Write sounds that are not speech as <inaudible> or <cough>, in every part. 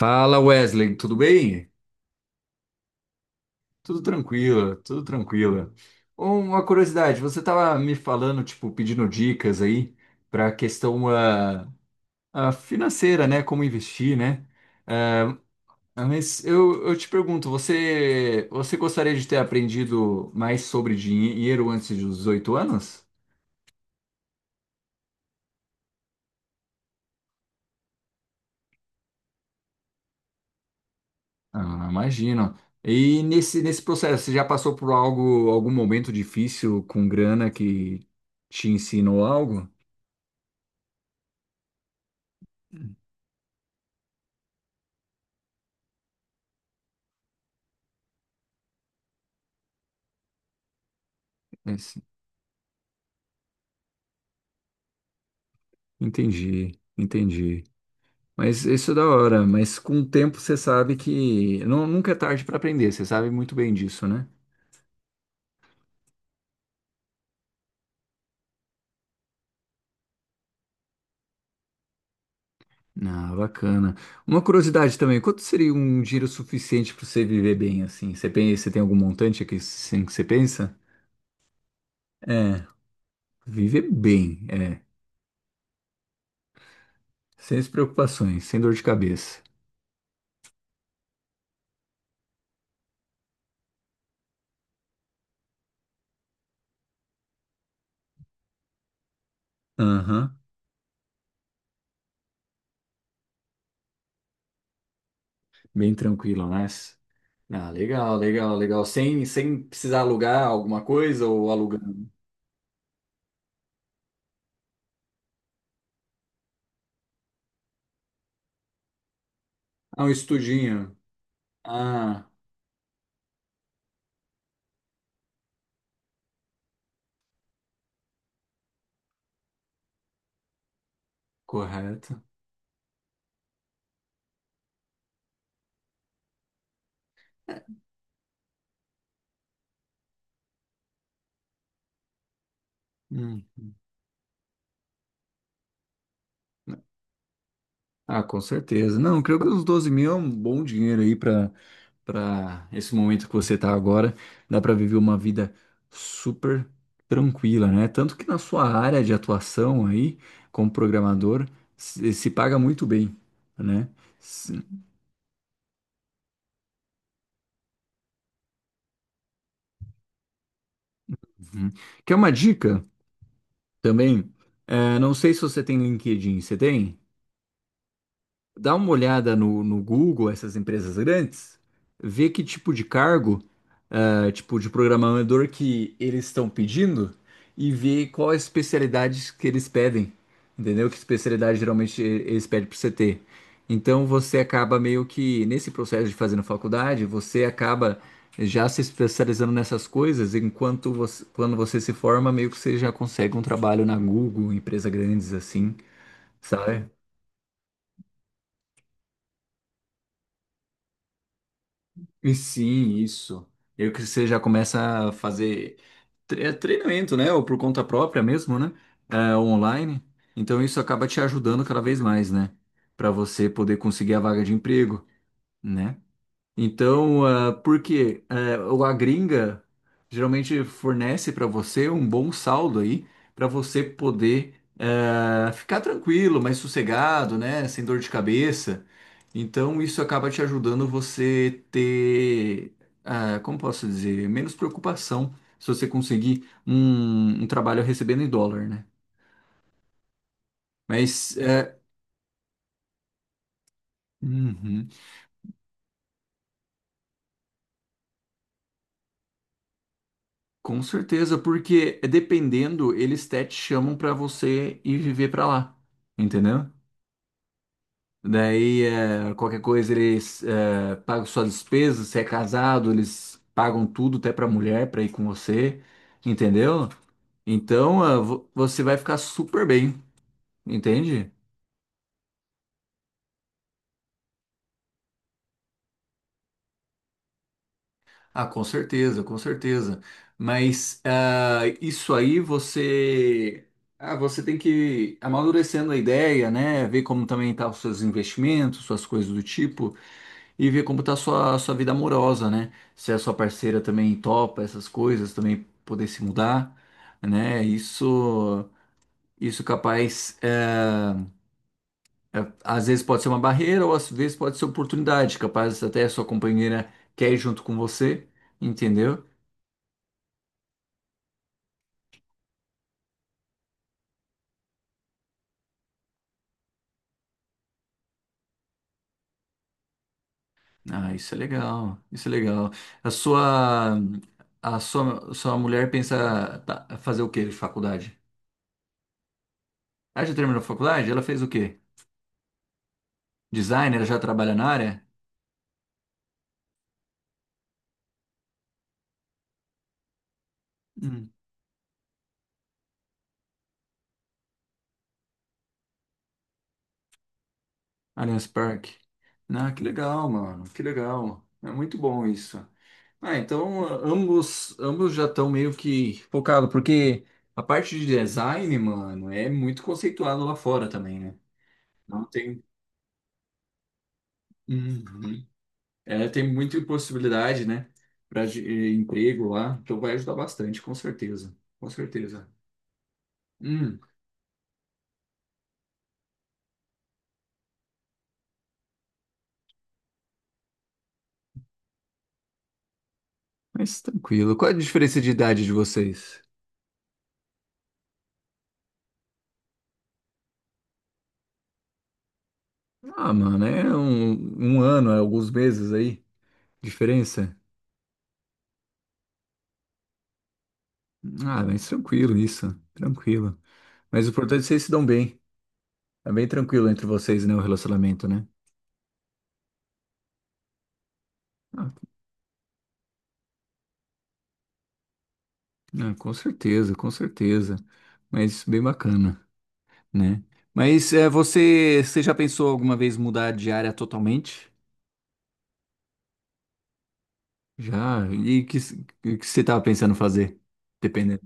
Fala Wesley, tudo bem? Tudo tranquilo, tudo tranquilo. Uma curiosidade, você estava me falando, tipo, pedindo dicas aí para a questão financeira, né? Como investir, né? Ah, mas eu te pergunto, você gostaria de ter aprendido mais sobre dinheiro antes dos 18 anos? Ah, imagino. E nesse processo, você já passou por algo, algum momento difícil com grana que te ensinou algo? Entendi, entendi. Mas isso é da hora, mas com o tempo você sabe que nunca é tarde para aprender, você sabe muito bem disso, né? Ah, bacana. Uma curiosidade também, quanto seria um dinheiro suficiente para você viver bem assim? Você pensa, você tem algum montante aqui assim que você pensa? É, viver bem, é, sem as preocupações, sem dor de cabeça. Aham. Bem tranquilo, né? Ah, legal, legal, legal. Sem precisar alugar alguma coisa ou alugando. Ah, um estudinho. Ah. Correto. Hum. Ah, com certeza. Não, creio que os 12.000 é um bom dinheiro aí para esse momento que você tá agora. Dá para viver uma vida super tranquila, né? Tanto que na sua área de atuação aí, como programador, se paga muito bem, né? Se- Uhum. Quer uma dica também? É, não sei se você tem LinkedIn, você tem? Dá uma olhada no Google, essas empresas grandes, vê que tipo de cargo. Tipo, de programador que eles estão pedindo e ver qual a especialidade que eles pedem, entendeu? Que especialidade geralmente eles pedem para você ter. Então você acaba meio que, nesse processo de fazendo faculdade, você acaba já se especializando nessas coisas, enquanto você, quando você se forma, meio que você já consegue um trabalho na Google, empresa grandes assim, sabe? E sim, isso. Eu que você já começa a fazer é treinamento, né? Ou por conta própria mesmo, né? É, online. Então isso acaba te ajudando cada vez mais, né? Para você poder conseguir a vaga de emprego, né? Então, porque a gringa geralmente fornece para você um bom saldo aí, para você poder ficar tranquilo, mais sossegado, né? Sem dor de cabeça. Então, isso acaba te ajudando você ter, como posso dizer, menos preocupação se você conseguir um trabalho recebendo em dólar, né? Mas, uhum. Com certeza, porque dependendo, eles até te chamam pra você ir viver pra lá, entendeu? Daí, qualquer coisa, eles pagam suas despesas, se é casado, eles pagam tudo, até pra mulher, pra ir com você, entendeu? Então, você vai ficar super bem, entende? Ah, com certeza, com certeza. Mas isso aí você, você tem que ir amadurecendo a ideia, né? Ver como também tá os seus investimentos, suas coisas do tipo, e ver como tá a sua vida amorosa, né? Se a sua parceira também topa essas coisas, também poder se mudar, né? Isso, isso capaz, às vezes pode ser uma barreira ou às vezes pode ser oportunidade, capaz até a sua companheira quer ir junto com você, entendeu? Ah, isso é legal, isso é legal. A sua, a sua mulher pensa tá, fazer o quê de faculdade? Ela já terminou a faculdade? Ela fez o quê? Designer? Ela já trabalha na área? Hum. Allianz Park. Ah, que legal, mano, que legal. É muito bom isso. Ah, então ambos já estão meio que focados, porque a parte de design, mano, é muito conceituado lá fora também, né? Não tem. Uhum. É, tem muita possibilidade, né, para emprego lá, então vai ajudar bastante, com certeza, com certeza. Hum. Mas tranquilo. Qual é a diferença de idade de vocês? Ah, mano, é um ano, é alguns meses aí. Diferença? Ah, mas tranquilo isso. Tranquilo. Mas o importante é que vocês se dão bem. É bem tranquilo entre vocês, né? O relacionamento, né? Ah, ah, com certeza, com certeza. Mas bem bacana, né? Mas você já pensou alguma vez mudar de área totalmente? Já. E o que você tava pensando fazer? Dependendo.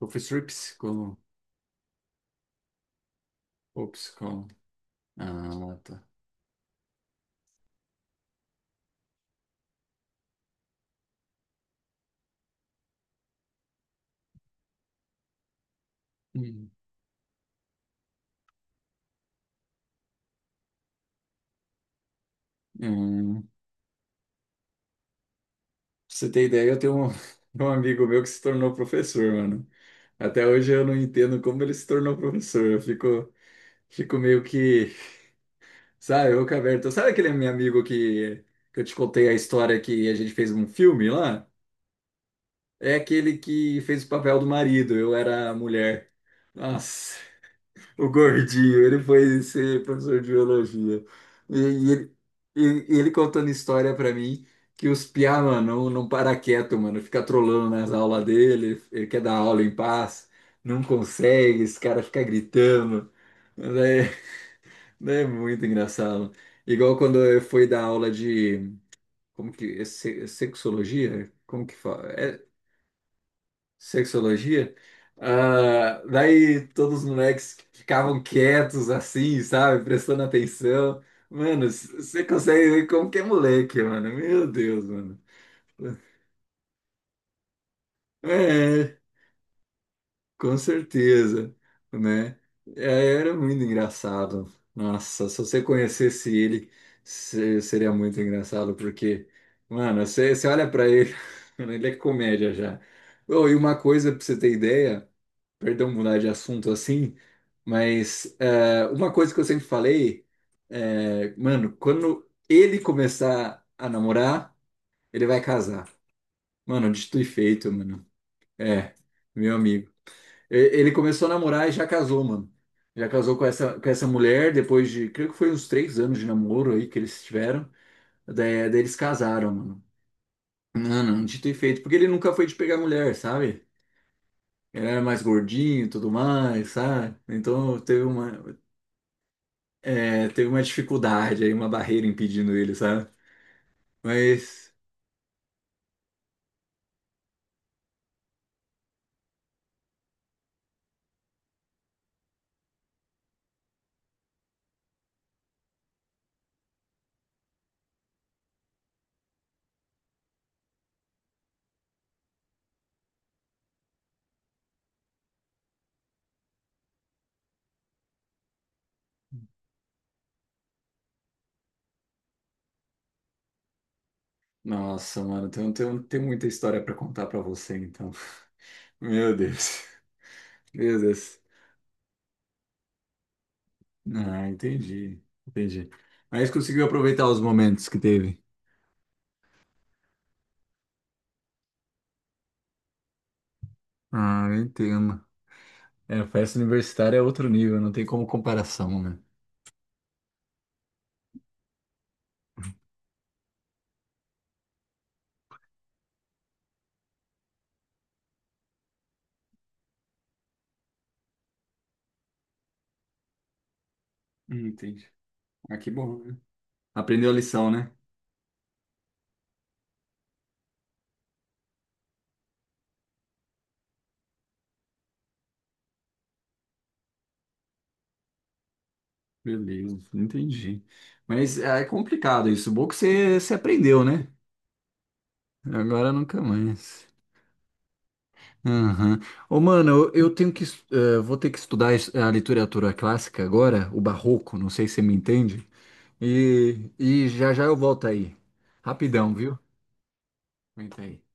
Eu fiz foi psicólogo. Ou Ah, tá. Hum. Pra você ter ideia, eu tenho um, <laughs> um amigo meu que se tornou professor, mano. Até hoje eu não entendo como ele se tornou professor. Eu fico meio que, sabe, boca aberta. Sabe aquele meu amigo que eu te contei a história que a gente fez um filme lá? É aquele que fez o papel do marido, eu era a mulher. Nossa. O gordinho, ele foi ser professor de biologia. E, e ele, e ele contando história pra mim que os piá, mano, não para quieto, mano. Fica trolando nas aulas dele, ele quer dar aula em paz, não consegue, esse cara fica gritando. Mas é muito engraçado. Igual quando eu fui dar aula de, como que, sexologia? Como que fala? É, sexologia? Ah, daí todos os moleques ficavam quietos assim, sabe? Prestando atenção. Mano, você consegue ver como que é moleque, mano. Meu Deus, mano. É, com certeza, né? É, era muito engraçado. Nossa, se você conhecesse ele, seria muito engraçado, porque, mano, você olha pra ele, <laughs> mano, ele é comédia já. Oh, e uma coisa pra você ter ideia. Perdão mudar de assunto assim, mas uma coisa que eu sempre falei mano, quando ele começar a namorar, ele vai casar. Mano, dito e feito, mano. É, meu amigo. Ele começou a namorar e já casou, mano. Já casou com essa mulher depois de, creio que foi uns 3 anos de namoro aí que eles tiveram. Daí eles casaram, mano. Mano, dito e feito. Porque ele nunca foi de pegar mulher, sabe? Ele era mais gordinho e tudo mais, sabe? Então teve uma dificuldade aí, uma barreira impedindo ele, sabe? Mas, nossa, mano, tem muita história pra contar pra você, então. <laughs> Meu Deus, meu Deus. Ah, entendi, entendi. Mas conseguiu aproveitar os momentos que teve. Ah, eu entendo. É, festa universitária é outro nível, não tem como comparação, né? Entendi. Ah, que bom, né? Aprendeu a lição, né? Beleza, entendi. Mas é complicado isso. Bom que você aprendeu, né? Agora nunca mais. Aham. Ô, mano, eu tenho que, vou ter que estudar a literatura clássica agora, o barroco, não sei se você me entende, e já já eu volto aí. Rapidão, viu? Aguenta aí.